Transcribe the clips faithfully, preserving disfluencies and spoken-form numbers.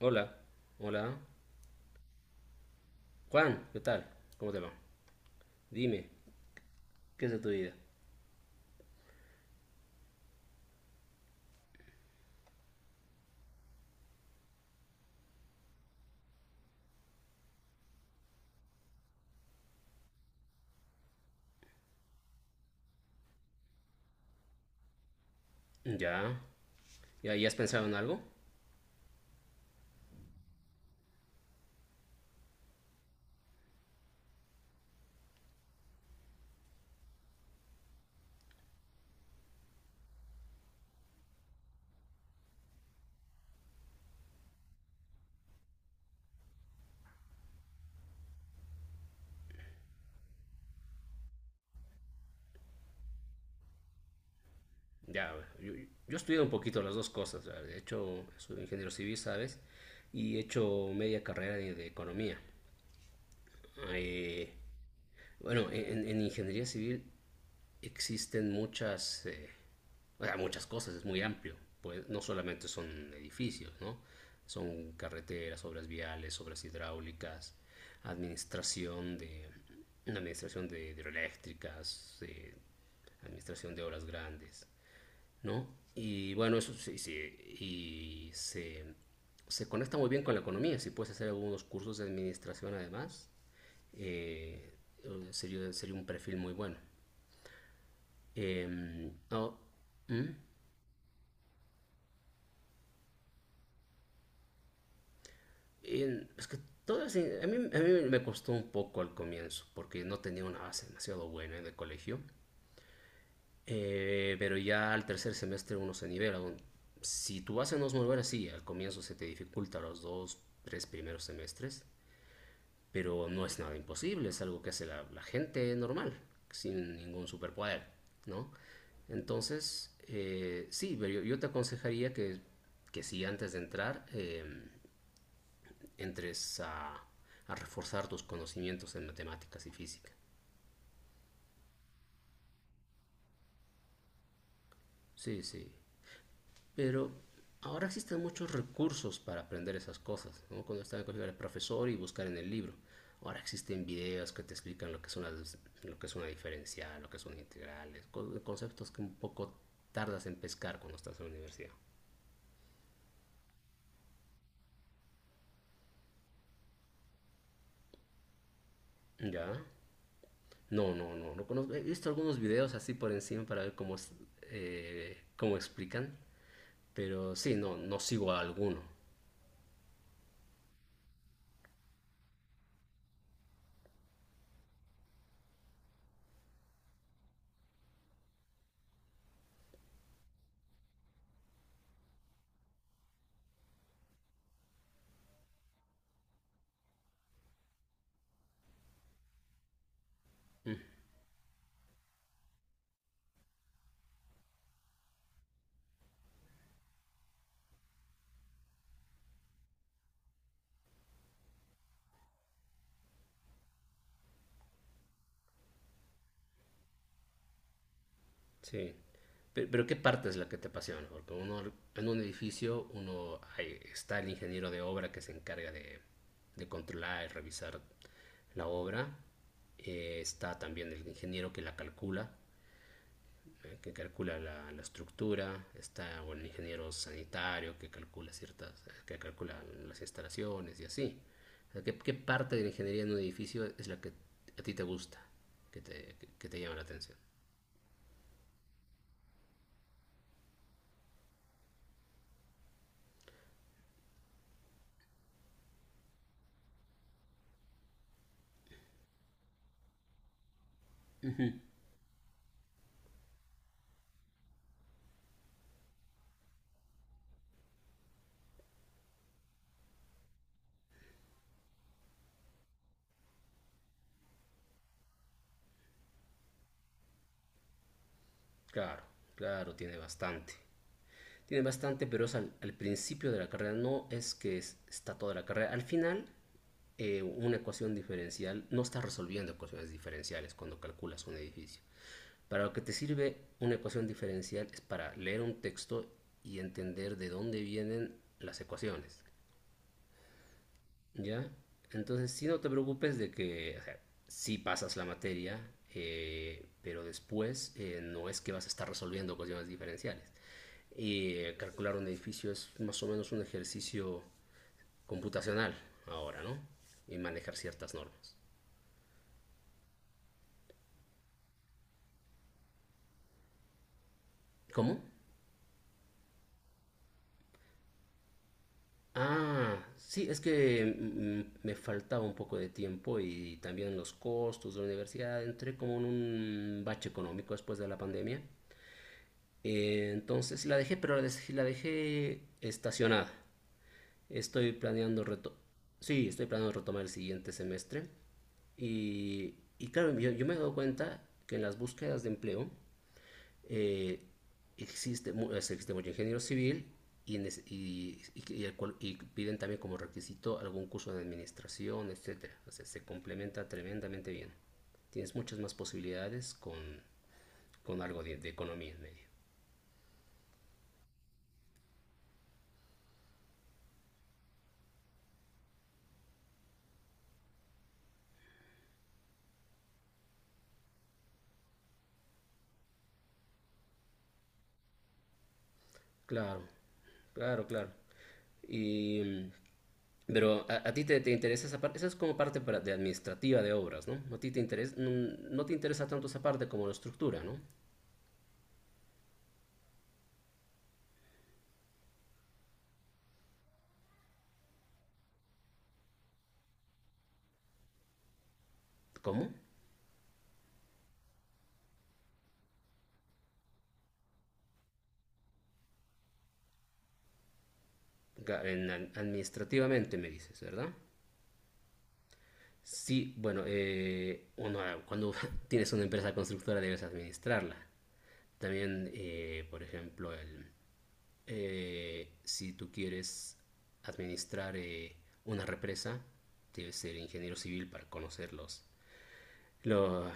Hola, hola. Juan, ¿qué tal? ¿Cómo te va? Dime, ¿qué es de tu vida? Ya, ¿ya, ya has pensado en algo? Ya, yo, yo he estudiado un poquito las dos cosas. ¿Sabes? He hecho, soy ingeniero civil, ¿sabes? Y he hecho media carrera de, de economía. Eh, bueno, en, en ingeniería civil existen muchas, eh, o sea, muchas cosas, es muy amplio. Pues no solamente son edificios, ¿no? Son carreteras, obras viales, obras hidráulicas, administración de, administración de hidroeléctricas, eh, administración de obras grandes, ¿no? Y bueno, eso sí, sí, y se, se conecta muy bien con la economía. Si puedes hacer algunos cursos de administración además, eh, sería, sería un perfil muy bueno. Em, no, ¿mm? En- es que todo así, a mí, a mí me costó un poco al comienzo, porque no tenía una base demasiado buena de colegio. Eh, pero ya al tercer semestre uno se nivela. un- Si tu base no es muy buena, sí, al comienzo se te dificulta los dos, tres primeros semestres, pero no es nada imposible, es algo que hace la, la gente normal, sin ningún superpoder, ¿no? Entonces, eh, sí, pero yo, yo te aconsejaría que, que si antes de entrar, em, entres a, a reforzar tus conocimientos en matemáticas y física. Sí, sí. Pero ahora existen muchos recursos para aprender esas cosas. ¿No? Cuando estaba en el colegio era profesor y buscar en el libro. Ahora existen videos que te explican lo que es una, lo que es una diferencial, lo que son integrales, conceptos que un poco tardas en pescar cuando estás en la universidad. ¿Ya? No, no, no, no conozco. He visto algunos videos así por encima para ver cómo, es, eh, cómo explican, pero sí, no, no sigo a alguno. Mm, sí. Pero, pero ¿qué parte es la que te apasiona? Porque uno en un edificio, uno ahí está el ingeniero de obra que se encarga de, de controlar y revisar la obra. Eh, está también el ingeniero que la calcula, eh, que calcula la, la estructura. Está o el ingeniero sanitario que calcula ciertas, que calcula las instalaciones y así. O sea, ¿qué, qué parte de la ingeniería en un edificio es la que a ti te gusta, que te, que te llama la atención? Claro, claro, tiene bastante. Tiene bastante, pero es al, al principio de la carrera, no es que es- está toda la carrera. Al final, eh, una ecuación diferencial, no estás resolviendo ecuaciones diferenciales cuando calculas un edificio. Para lo que te sirve una ecuación diferencial es para leer un texto y entender de dónde vienen las ecuaciones. ¿Ya? Entonces, sí, no te preocupes de que, o sea, sí pasas la materia, eh, pero después eh, no es que vas a estar resolviendo cuestiones diferenciales. Y eh, calcular un edificio es más o menos un ejercicio computacional ahora, ¿no? Y manejar ciertas normas. ¿Cómo? Ah, sí, es que mm, mm, me faltaba un poco de tiempo y también los costos de la universidad. Entré como en un bache económico después de la pandemia. Eh, entonces la dejé, pero la dejé, la dejé estacionada. Estoy planeando reto sí, estoy planeando retomar el siguiente semestre. Y, y claro, yo, yo me he dado cuenta que en las búsquedas de empleo eh, existe, mu- es- existe mucho ingeniero civil y, nece- y- y- y el cual- y piden también como requisito algún curso de administración, etcétera. O sea, se complementa tremendamente bien. Tienes muchas más posibilidades con, con algo de, de economía en medio. Claro, claro, claro. Y, pero a, a ti te, te interesa esa parte, esa es como parte para- de administrativa de obras, ¿no? A ti te interesa, mm, no te interesa tanto esa parte como la estructura, ¿no? ¿Cómo? Ga- en ad- administrativamente me dices, ¿verdad? Sí, bueno, eh, uno, ah, cuando tienes una empresa constructora debes administrarla. También, eh, por ejemplo, el, Eh, si tú quieres administrar eh, una represa, debes ser ingeniero civil para conocerlos. Lo,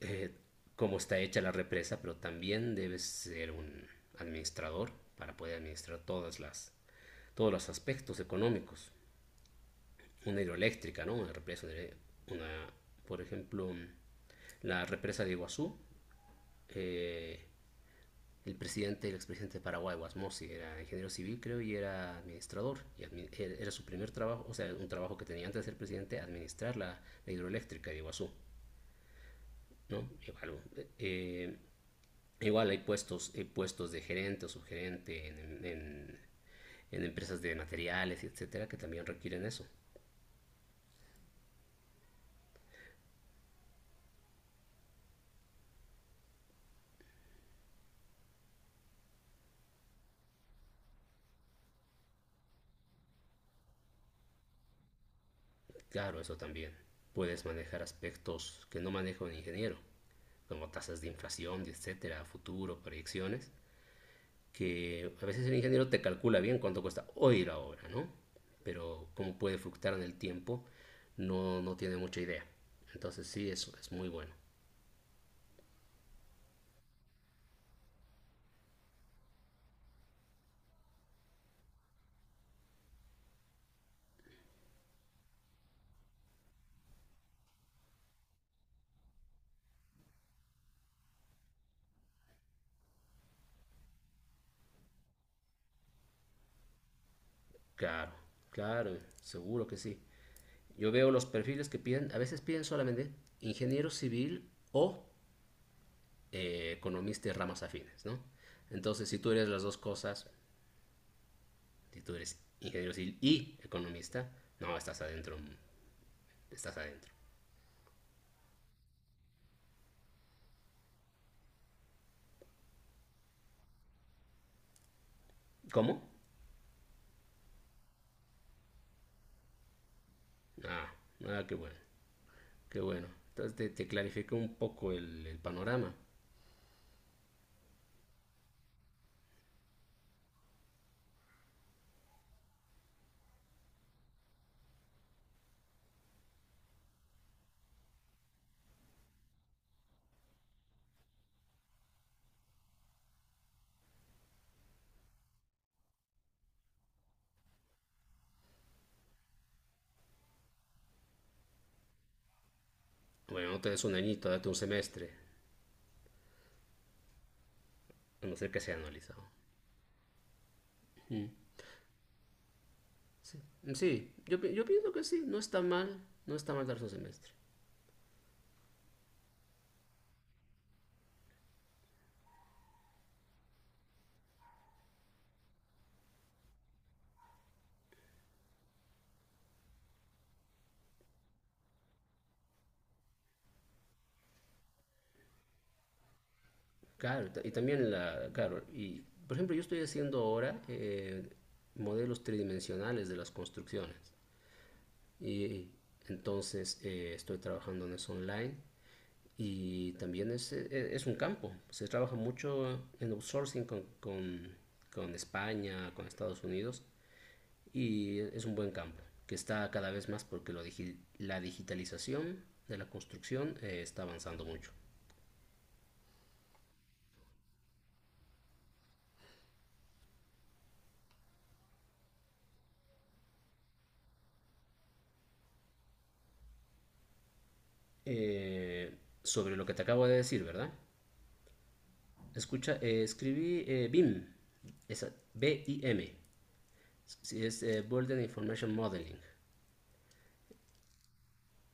eh, cómo está hecha la represa, pero también debes ser un administrador para poder administrar todas las, todos los aspectos económicos. Una hidroeléctrica, ¿no? Una represa, una, por ejemplo, la represa de Iguazú. eh, el presidente, el expresidente de Paraguay, Guasmosi, era ingeniero civil, creo, y era administrador. Y admi er, era su primer trabajo, o sea, un trabajo que tenía antes de ser presidente, administrar la, la hidroeléctrica de Iguazú, ¿no? Igual, eh, igual hay puestos, hay puestos de gerente o subgerente en, en, en empresas de materiales, etcétera, que también requieren eso. Claro, eso también. Puedes manejar aspectos que no maneja un ingeniero, como tasas de inflación, etcétera, futuro, proyecciones que a veces el ingeniero te calcula bien cuánto cuesta hoy la obra, ¿no? Pero cómo puede fluctuar en el tiempo, no, no tiene mucha idea. Entonces sí, eso es muy bueno. Claro, claro, seguro que sí. Yo veo los perfiles que piden, a veces piden solamente ingeniero civil o eh, economista de ramas afines, ¿no? Entonces, si tú eres las dos cosas, si tú eres ingeniero civil y economista, no, estás adentro, estás adentro. ¿Cómo? Ah, ah, qué bueno. Qué bueno. Entonces te, te clarifica un poco el, el panorama. Bueno, no te des un añito, date un semestre, a no ser que sea analizado. Sí, sí yo, pi- yo pienso que sí, no está mal, no está mal darse un semestre. Claro, ta- y también la, claro, y por ejemplo yo estoy haciendo ahora eh, modelos tridimensionales de las construcciones. Y entonces eh, estoy trabajando en eso online y también es, e- es un campo. Se trabaja mucho en outsourcing con, con, con España, con Estados Unidos y es un buen campo que está cada vez más porque lo digi- la digitalización de la construcción eh, está avanzando mucho. Eh, sobre lo que te acabo de decir, ¿verdad? Escucha, eh, escribí eh, B I M, esa- B-I-M, si es eh, Building Information Modeling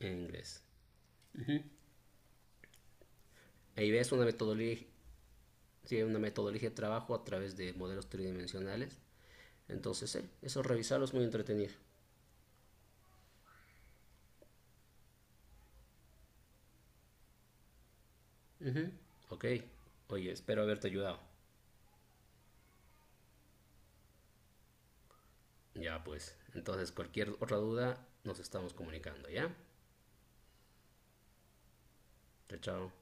en inglés. Ahí ves una metodología, sí, una metodología de trabajo a través de modelos tridimensionales. Entonces, eh, eso revisarlo es muy entretenido. Ujú, ok, oye, espero haberte ayudado. Ya pues, entonces cualquier otra duda nos estamos comunicando, ¿ya? Chao, chao.